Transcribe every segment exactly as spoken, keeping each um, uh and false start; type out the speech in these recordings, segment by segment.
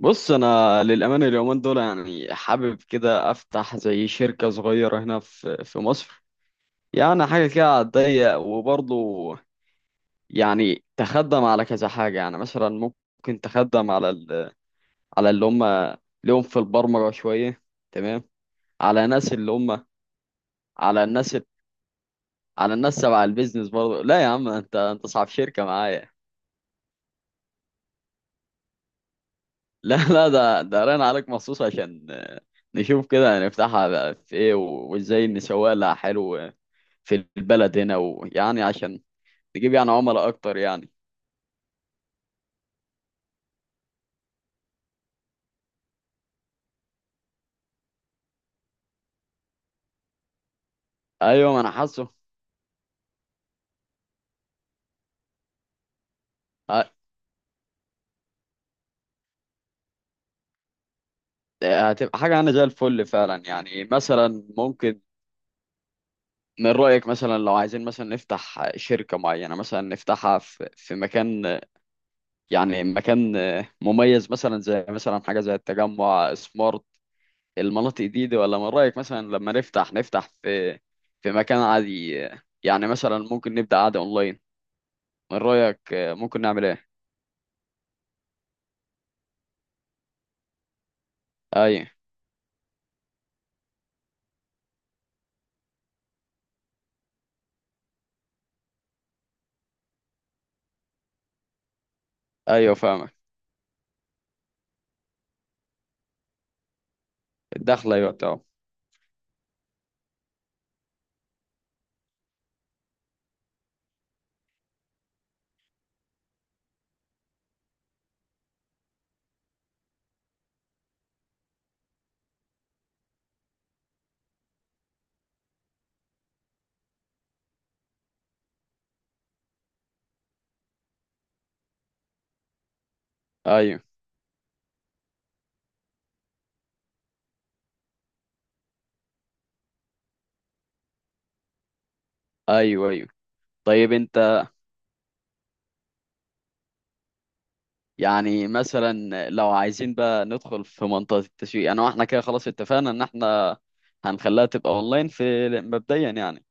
بص انا للامانه اليومين دول يعني حابب كده افتح زي شركه صغيره هنا في في مصر. يعني حاجه كده على الضيق، وبرضه يعني تخدم على كذا حاجه. يعني مثلا ممكن تخدم على ال... على اللي هم لهم في البرمجه شويه. تمام. على ناس اللي هم، على الناس، على الناس تبع البيزنس برضه. لا يا عم، انت انت صاحب شركه معايا. لا لا، ده ده رن عليك مخصوص عشان نشوف كده نفتحها بقى في ايه و- وازاي نسوق لها حلو في البلد هنا، ويعني عشان نجيب يعني عملاء اكتر يعني. ايوه، ما انا حاسه. ه- هتبقى حاجه انا زي الفل فعلا. يعني مثلا ممكن، من رايك مثلا لو عايزين مثلا نفتح شركه معينه، مثلا نفتحها في في مكان، يعني مكان مميز، مثلا زي مثلا حاجه زي التجمع سمارت، المناطق دي، دي؟ ولا من رايك مثلا لما نفتح نفتح في في مكان عادي؟ يعني مثلا ممكن نبدا عادي اونلاين. من رايك ممكن نعمل ايه؟ ايوه، ايوه، فاهمك. الدخله يعطي اه. ايوه، ايوه، ايوه. طيب انت، يعني مثلا لو عايزين بقى ندخل في منطقه التسويق، انا واحنا كده خلاص اتفقنا ان احنا هنخليها تبقى اونلاين في مبدئيا يعني.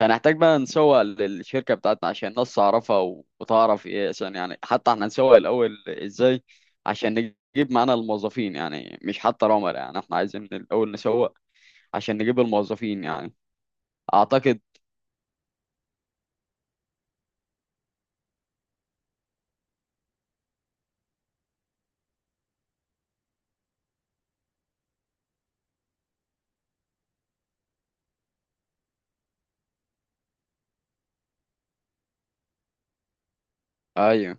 هنحتاج بقى نسوق للشركه بتاعتنا عشان الناس تعرفها و- وتعرف ايه، عشان يعني حتى احنا نسوق الاول ازاي عشان نجيب معانا الموظفين. يعني مش حتى العملاء، يعني احنا عايزين الاول نسوق عشان نجيب الموظفين يعني. اعتقد. ايوه،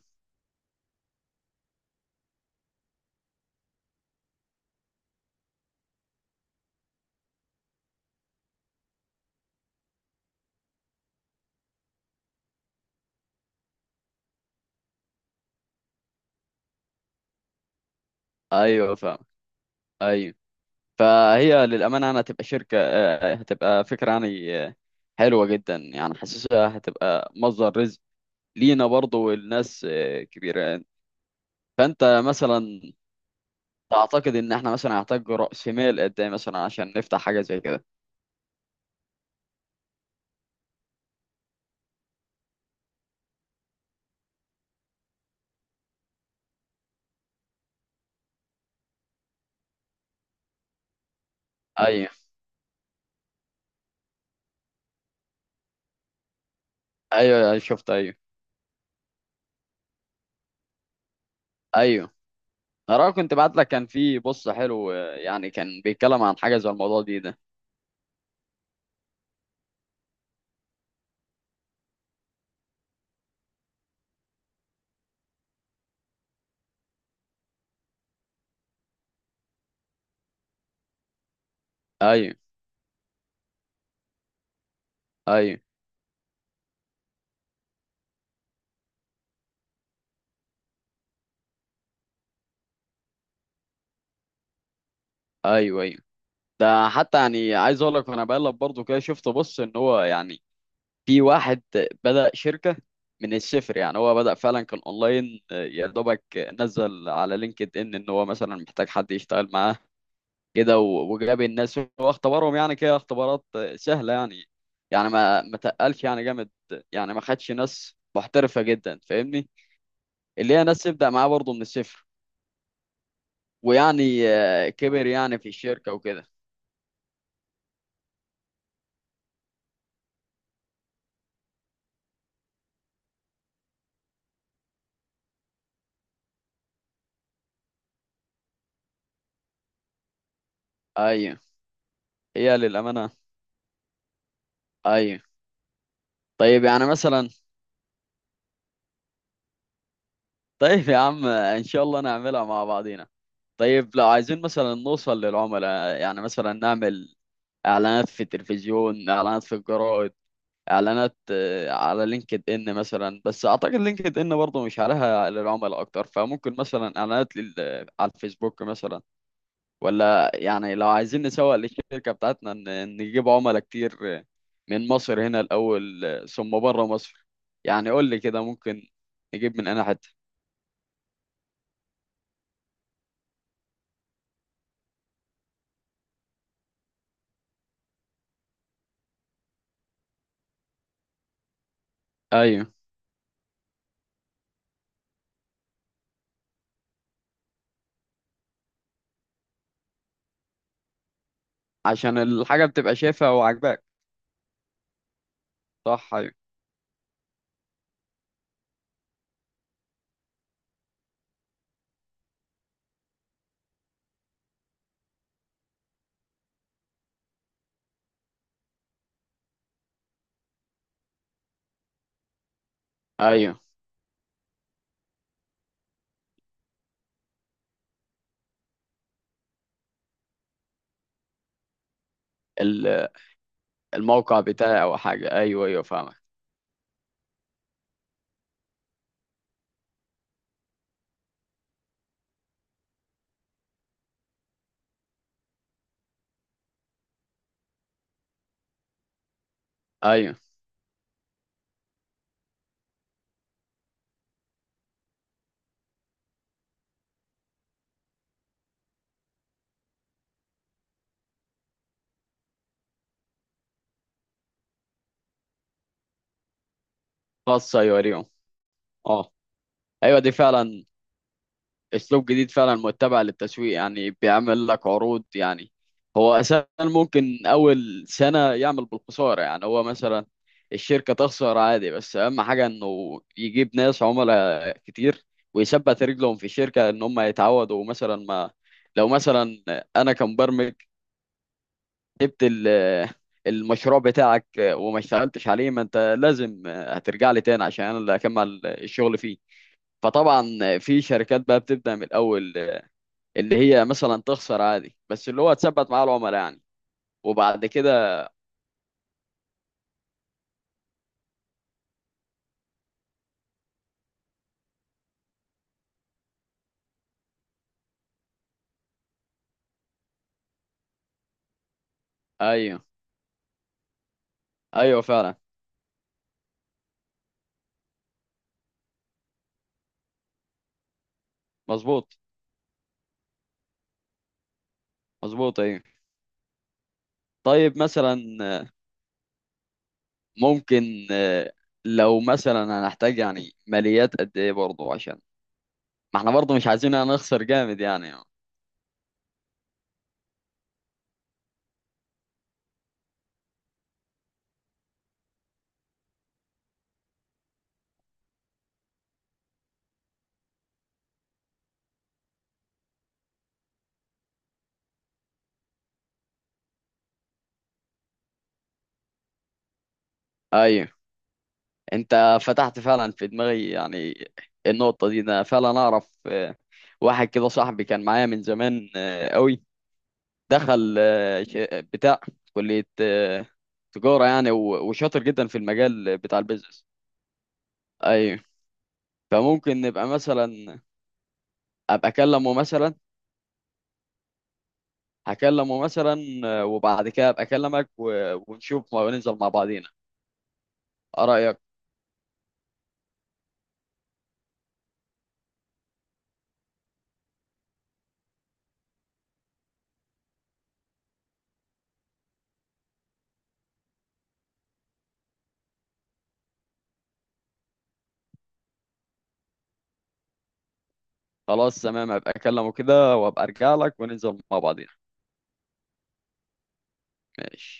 ايوه فاهم. ايوه. فهي للأمانة يعني هتبقى شركة آه، هتبقى فكرة يعني آه، حلوة جدا. يعني حاسسها هتبقى مصدر رزق لينا، برضه والناس آه، كبيرة. فأنت مثلا تعتقد إن إحنا مثلا هنحتاج رأس مال قد إيه مثلا عشان نفتح حاجة زي كده؟ أيوه أيوه أيوه، شفت أيوه أيوه. أنا كنت بعت لك، كان في بص حلو، آه، يعني كان بيتكلم عن حاجة زي الموضوع دي ده. أيوه أيوه أيوه أيوه. ده حتى يعني عايز أقول لك، وأنا بقلب برضه كده شفت بص إن هو يعني في واحد بدأ شركة من الصفر. يعني هو بدأ فعلا كان اونلاين، آه، يا دوبك نزل على لينكد ان ان هو مثلا محتاج حد يشتغل معاه كده، و- وجاب الناس هو اختبرهم، يعني كده اختبارات آه، سهلة يعني. يعني ما ما تقلش يعني جامد، يعني ما خدش ناس محترفة جدا، فاهمني؟ اللي هي ناس تبدأ معاه برضه من الصفر. ويعني آه، كبر يعني في الشركة وكده. ايوه. هي للأمانة. ايوه. طيب يعني مثلا، طيب يا عم ان شاء الله نعملها مع بعضينا. طيب لو عايزين مثلا نوصل للعملاء، يعني مثلا نعمل اعلانات في التلفزيون، اعلانات في الجرائد، اعلانات آه، على لينكد ان مثلا. بس اعتقد لينكد ان برضه مش عليها للعملاء اكتر، فممكن مثلا اعلانات لل... على الفيسبوك مثلا. ولا يعني لو عايزين نسوق للشركة بتاعتنا ن- نجيب عملاء كتير، آه، من مصر هنا الاول آه، ثم بره مصر. يعني قول لي كده، ممكن نجيب من انا حتة؟ ايوه. عشان الحاجة بتبقى شايفها وعاجباك. صح أيوه. أيوه. ال- الموقع بتاعي أو حاجة. أيوه أيوه فاهمك. أيوه. خاصة يوريهم. أه. أيوه، دي فعلا أسلوب جديد فعلا متبع للتسويق، يعني بيعمل لك عروض. يعني هو أساسا ممكن أول سنة يعمل بالخسارة، يعني هو مثلا الشركة تخسر عادي، بس أهم حاجة إنه يجيب ناس عملاء كتير ويثبت رجلهم في الشركة إن هم يتعودوا مثلا. ما لو مثلا أنا كمبرمج جبت ال- المشروع بتاعك وما اشتغلتش عليه، ما انت لازم هترجع لي تاني عشان انا اللي اكمل الشغل فيه. فطبعا في شركات بقى بتبدأ من الاول، اللي هي مثلا تخسر عادي، بس اللي هو تثبت مع العملاء يعني. وبعد كده ايوه ايوه فعلا. مظبوط. مظبوط ايوه. طيب مثلا ممكن آه، لو مثلا هنحتاج يعني ماليات قد ايه برضه، عشان ما احنا برضه مش عايزين نخسر جامد يعني. ايوه. انت فتحت فعلا في دماغي يعني النقطة دي. انا فعلا اعرف آه، واحد كده صاحبي، كان معايا من زمان آه، قوي. دخل آه، ش- بتاع كلية آه، تجارة يعني، و- وشاطر جدا في المجال بتاع البيزنس. ايوه. فممكن نبقى مثلا ابقى اكلمه مثلا. هكلمه مثلا آه، وبعد كده ابقى اكلمك و- ونشوف وننزل مع بعضينا. ايه رأيك؟ خلاص تمام، ابقى اكلمه كده وابقى ارجع لك وننزل مع بعضينا. ماشي.